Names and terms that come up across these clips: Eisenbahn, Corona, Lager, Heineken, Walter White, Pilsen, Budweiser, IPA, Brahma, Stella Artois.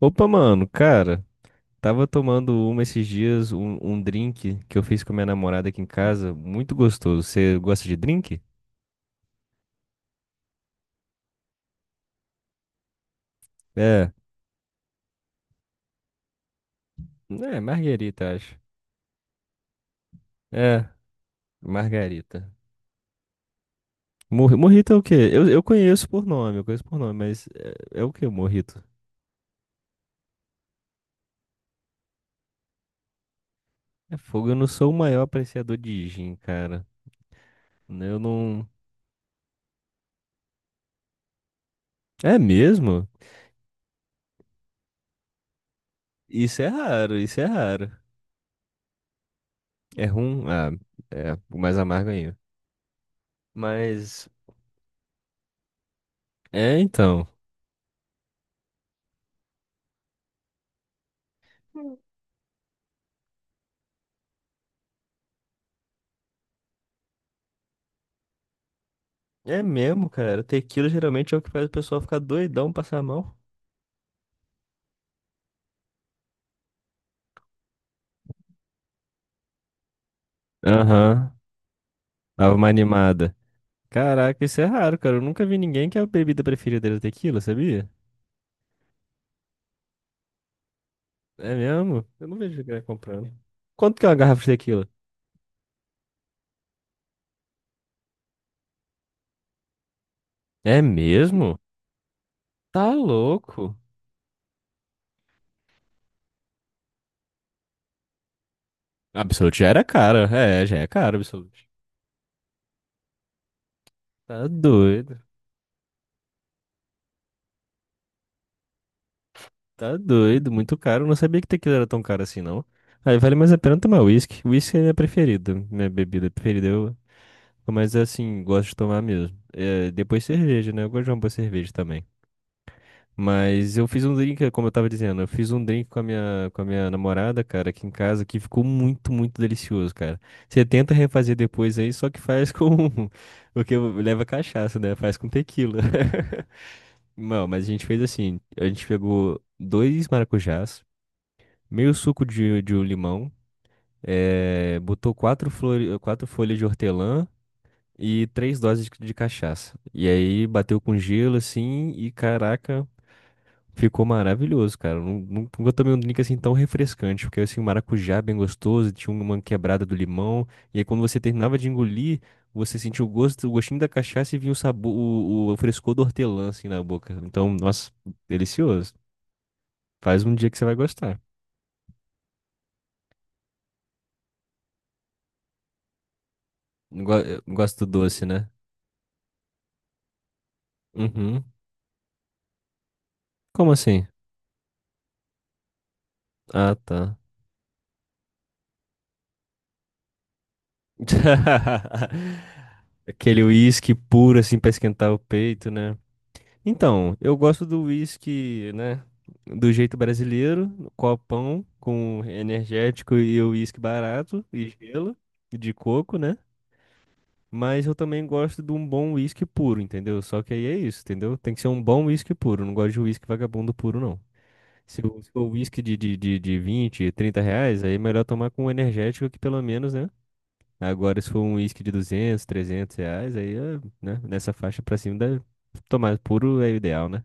Opa, mano, cara, tava tomando uma esses dias, um drink que eu fiz com minha namorada aqui em casa, muito gostoso. Você gosta de drink? É, é, margarita, acho. É, margarita. Morrito é o quê? Eu conheço por nome, eu conheço por nome, mas é o quê, morrito? É fogo, eu não sou o maior apreciador de gin, cara. Eu não. É mesmo? Isso é raro, isso é raro. É rum? Ah, é, o mais amargo ainda. Mas, é então. É mesmo, cara. Tequila geralmente é o que faz o pessoal ficar doidão, passar mal. Aham, dava uma animada. Caraca, isso é raro, cara. Eu nunca vi ninguém que a bebida preferida dele é tequila, sabia? É mesmo? Eu não vejo ninguém comprando. Quanto que é uma garrafa de tequila? É mesmo? Tá louco. Absolute já era caro. É, já é caro, Absolute. Tá doido. Tá doido. Muito caro. Eu não sabia que tequila era tão caro assim, não. Aí vale mais a pena tomar uísque. Uísque é minha preferida. Minha bebida preferida. Eu Mas assim, gosto de tomar mesmo. É, depois cerveja, né? Eu gosto de uma boa cerveja também. Mas eu fiz um drink, como eu tava dizendo, eu fiz um drink com a minha namorada, cara, aqui em casa, que ficou muito, muito delicioso, cara. Você tenta refazer depois aí, só que faz com. Porque leva cachaça, né? Faz com tequila. Não, mas a gente fez assim: a gente pegou dois maracujás, meio suco de um limão, botou quatro folhas de hortelã. E três doses de cachaça. E aí bateu com gelo assim e caraca, ficou maravilhoso, cara. Nunca tomei um drink assim tão refrescante, porque assim, o maracujá é bem gostoso, tinha uma quebrada do limão, e aí quando você terminava de engolir, você sentia o gosto, o gostinho da cachaça e vinha o sabor, o frescor do hortelã assim na boca. Então, nossa, delicioso. Faz um dia que você vai gostar. Eu gosto do doce, né? Uhum. Como assim? Ah, tá. Aquele uísque puro, assim, pra esquentar o peito, né? Então, eu gosto do uísque, né? Do jeito brasileiro, no copão, com energético e o uísque barato, e gelo, e de coco, né? Mas eu também gosto de um bom uísque puro, entendeu? Só que aí é isso, entendeu? Tem que ser um bom uísque puro. Eu não gosto de uísque vagabundo puro, não. Se o uísque de 20, 30 reais, aí é melhor tomar com energético que pelo menos, né? Agora, se for um uísque de 200, 300 reais, aí, é, né, nessa faixa pra cima, deve tomar puro é o ideal, né?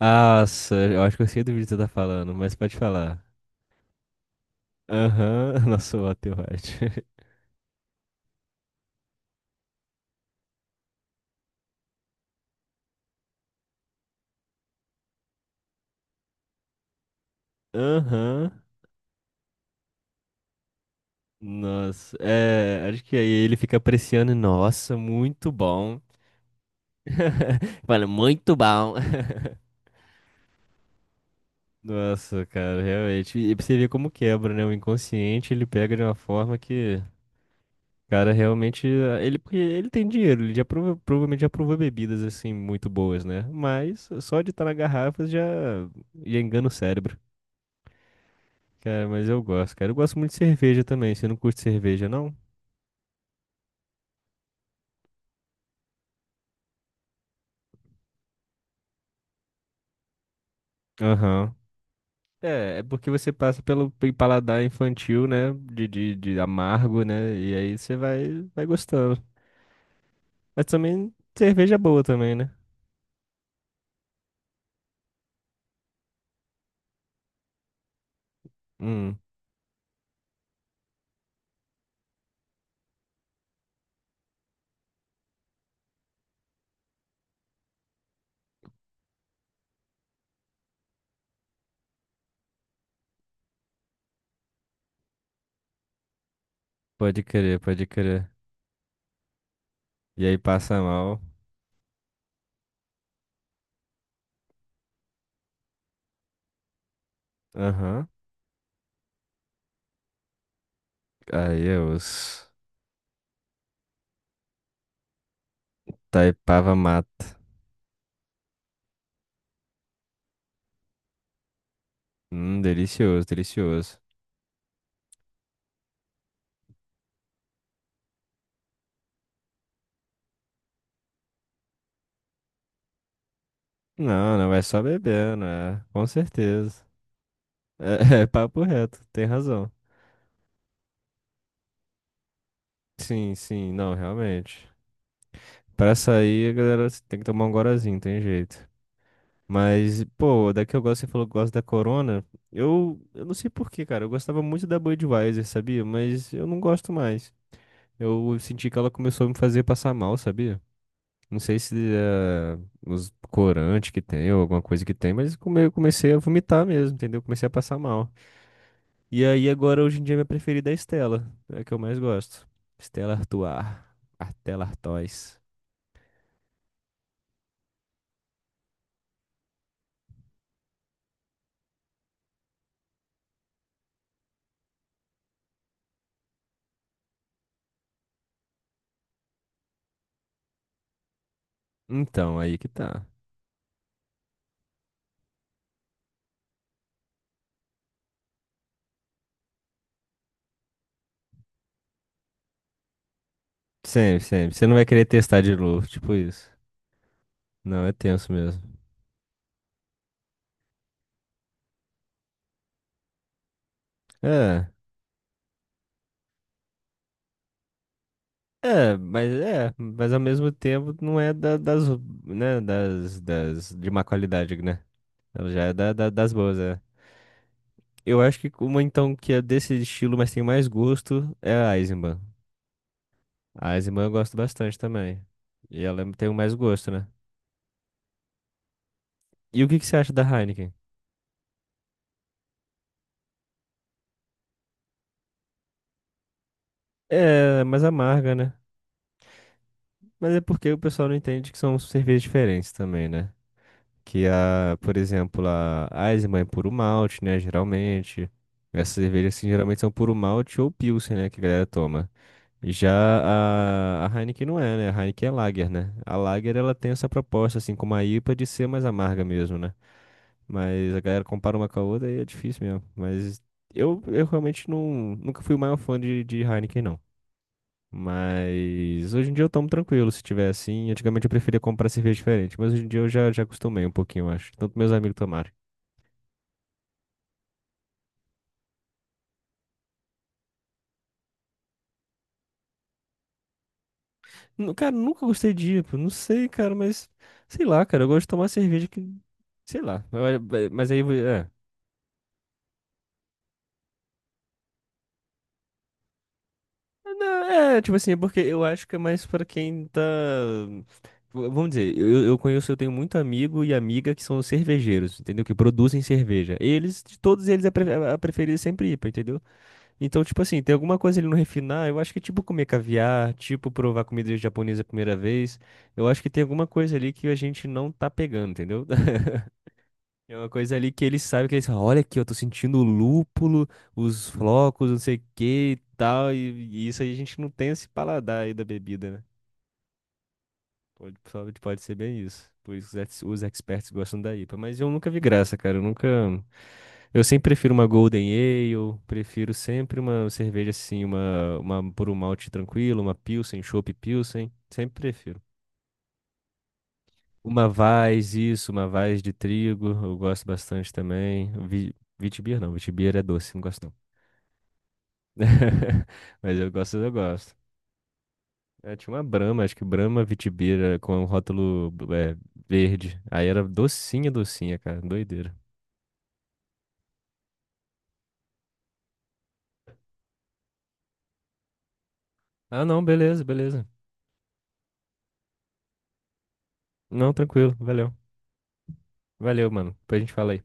Nossa, eu acho que eu sei do vídeo que você tá falando, mas pode falar. Aham, nossa, o Walter White. Aham, nossa, é, acho que aí ele fica apreciando, e, nossa, muito bom. Fala, muito bom. Nossa, cara, realmente, e pra você ver como quebra, né? O inconsciente, ele pega de uma forma que... Cara, realmente, ele, porque ele tem dinheiro, ele já provavelmente já provou bebidas assim muito boas, né? Mas só de estar na garrafa já engana o cérebro. Cara, mas eu gosto, cara. Eu gosto muito de cerveja também. Você não curte cerveja, não? Aham. É porque você passa pelo paladar infantil, né? De amargo, né? E aí você vai gostando. Mas também cerveja é boa também, né? Hum, Pode crer, pode crer. E aí passa mal. Aham. Aí é osso. Taipava mata. Delicioso, delicioso. Não, não é só bebendo, é, com certeza. É, é papo reto, tem razão. Sim, sim, não, realmente. Pra sair, a galera tem que tomar um gorazinho, tem jeito. Mas, pô, daqui eu gosto, você falou que gosta da Corona. Eu não sei por quê, cara. Eu gostava muito da Budweiser, sabia? Mas eu não gosto mais. Eu senti que ela começou a me fazer passar mal, sabia? Não sei se é os corantes que tem ou alguma coisa que tem, mas eu comecei a vomitar mesmo, entendeu? Comecei a passar mal. E aí agora hoje em dia minha preferida é a Stella, é a que eu mais gosto. Stella Artois, Artella Artois. Então, aí que tá. Sempre, sempre. Você não vai querer testar de novo, tipo isso. Não, é tenso mesmo. É. É, mas ao mesmo tempo não é das, né, das de má qualidade, né? Ela já é das boas, é. Eu acho que uma então que é desse estilo, mas tem mais gosto, é a Eisenbahn. A Eisenbahn eu gosto bastante também. E ela tem mais gosto, né? E o que que você acha da Heineken? É mais amarga, né? Mas é porque o pessoal não entende que são cervejas diferentes também, né? Que a, por exemplo, a Eisenbahn é puro malte, né? Geralmente. Essas cervejas assim, geralmente são puro malte ou pilsen, né? Que a galera toma. Já a Heineken não é, né? A Heineken é Lager, né? A Lager ela tem essa proposta, assim, como a IPA, de ser mais amarga mesmo, né? Mas a galera compara uma com a outra e é difícil mesmo. Mas eu realmente não, nunca fui o maior fã de Heineken, não. Mas hoje em dia eu tomo tranquilo, se tiver assim. Antigamente eu preferia comprar cerveja diferente, mas hoje em dia eu já acostumei um pouquinho, eu acho. Tanto meus amigos tomarem. Cara, nunca gostei de IPA, não sei, cara, mas sei lá, cara, eu gosto de tomar cerveja que. Sei lá, mas aí. É. Não, é, tipo assim, é porque eu acho que é mais pra quem tá. Vamos dizer, eu conheço, eu tenho muito amigo e amiga que são cervejeiros, entendeu? Que produzem cerveja. Eles, de todos eles, a preferida é sempre IPA, entendeu? Então, tipo assim, tem alguma coisa ele não refinar, eu acho que é tipo comer caviar, tipo provar comida japonesa a primeira vez, eu acho que tem alguma coisa ali que a gente não tá pegando, entendeu? É uma coisa ali que ele sabe que ele falam, olha aqui, eu tô sentindo o lúpulo, os flocos, não sei o que e tal. E isso aí a gente não tem esse paladar aí da bebida, né? Pode, pode ser bem isso. Por isso os experts gostam da IPA. Mas eu nunca vi graça, cara. Eu nunca. Eu sempre prefiro uma Golden Ale, prefiro sempre uma cerveja assim, uma por um malte tranquilo, uma Pilsen, Chopp Pilsen. Sempre prefiro. Isso, uma vaz de trigo, eu gosto bastante também. Vitibir não, Vitibir é doce, não gosto não. Mas eu gosto, eu gosto. É, tinha uma Brahma, acho que Brahma vitibira com um rótulo é, verde. Aí era docinha, docinha, cara, doideira. Ah, não, beleza, beleza. Não, tranquilo, valeu. Valeu, mano. Depois a gente fala aí.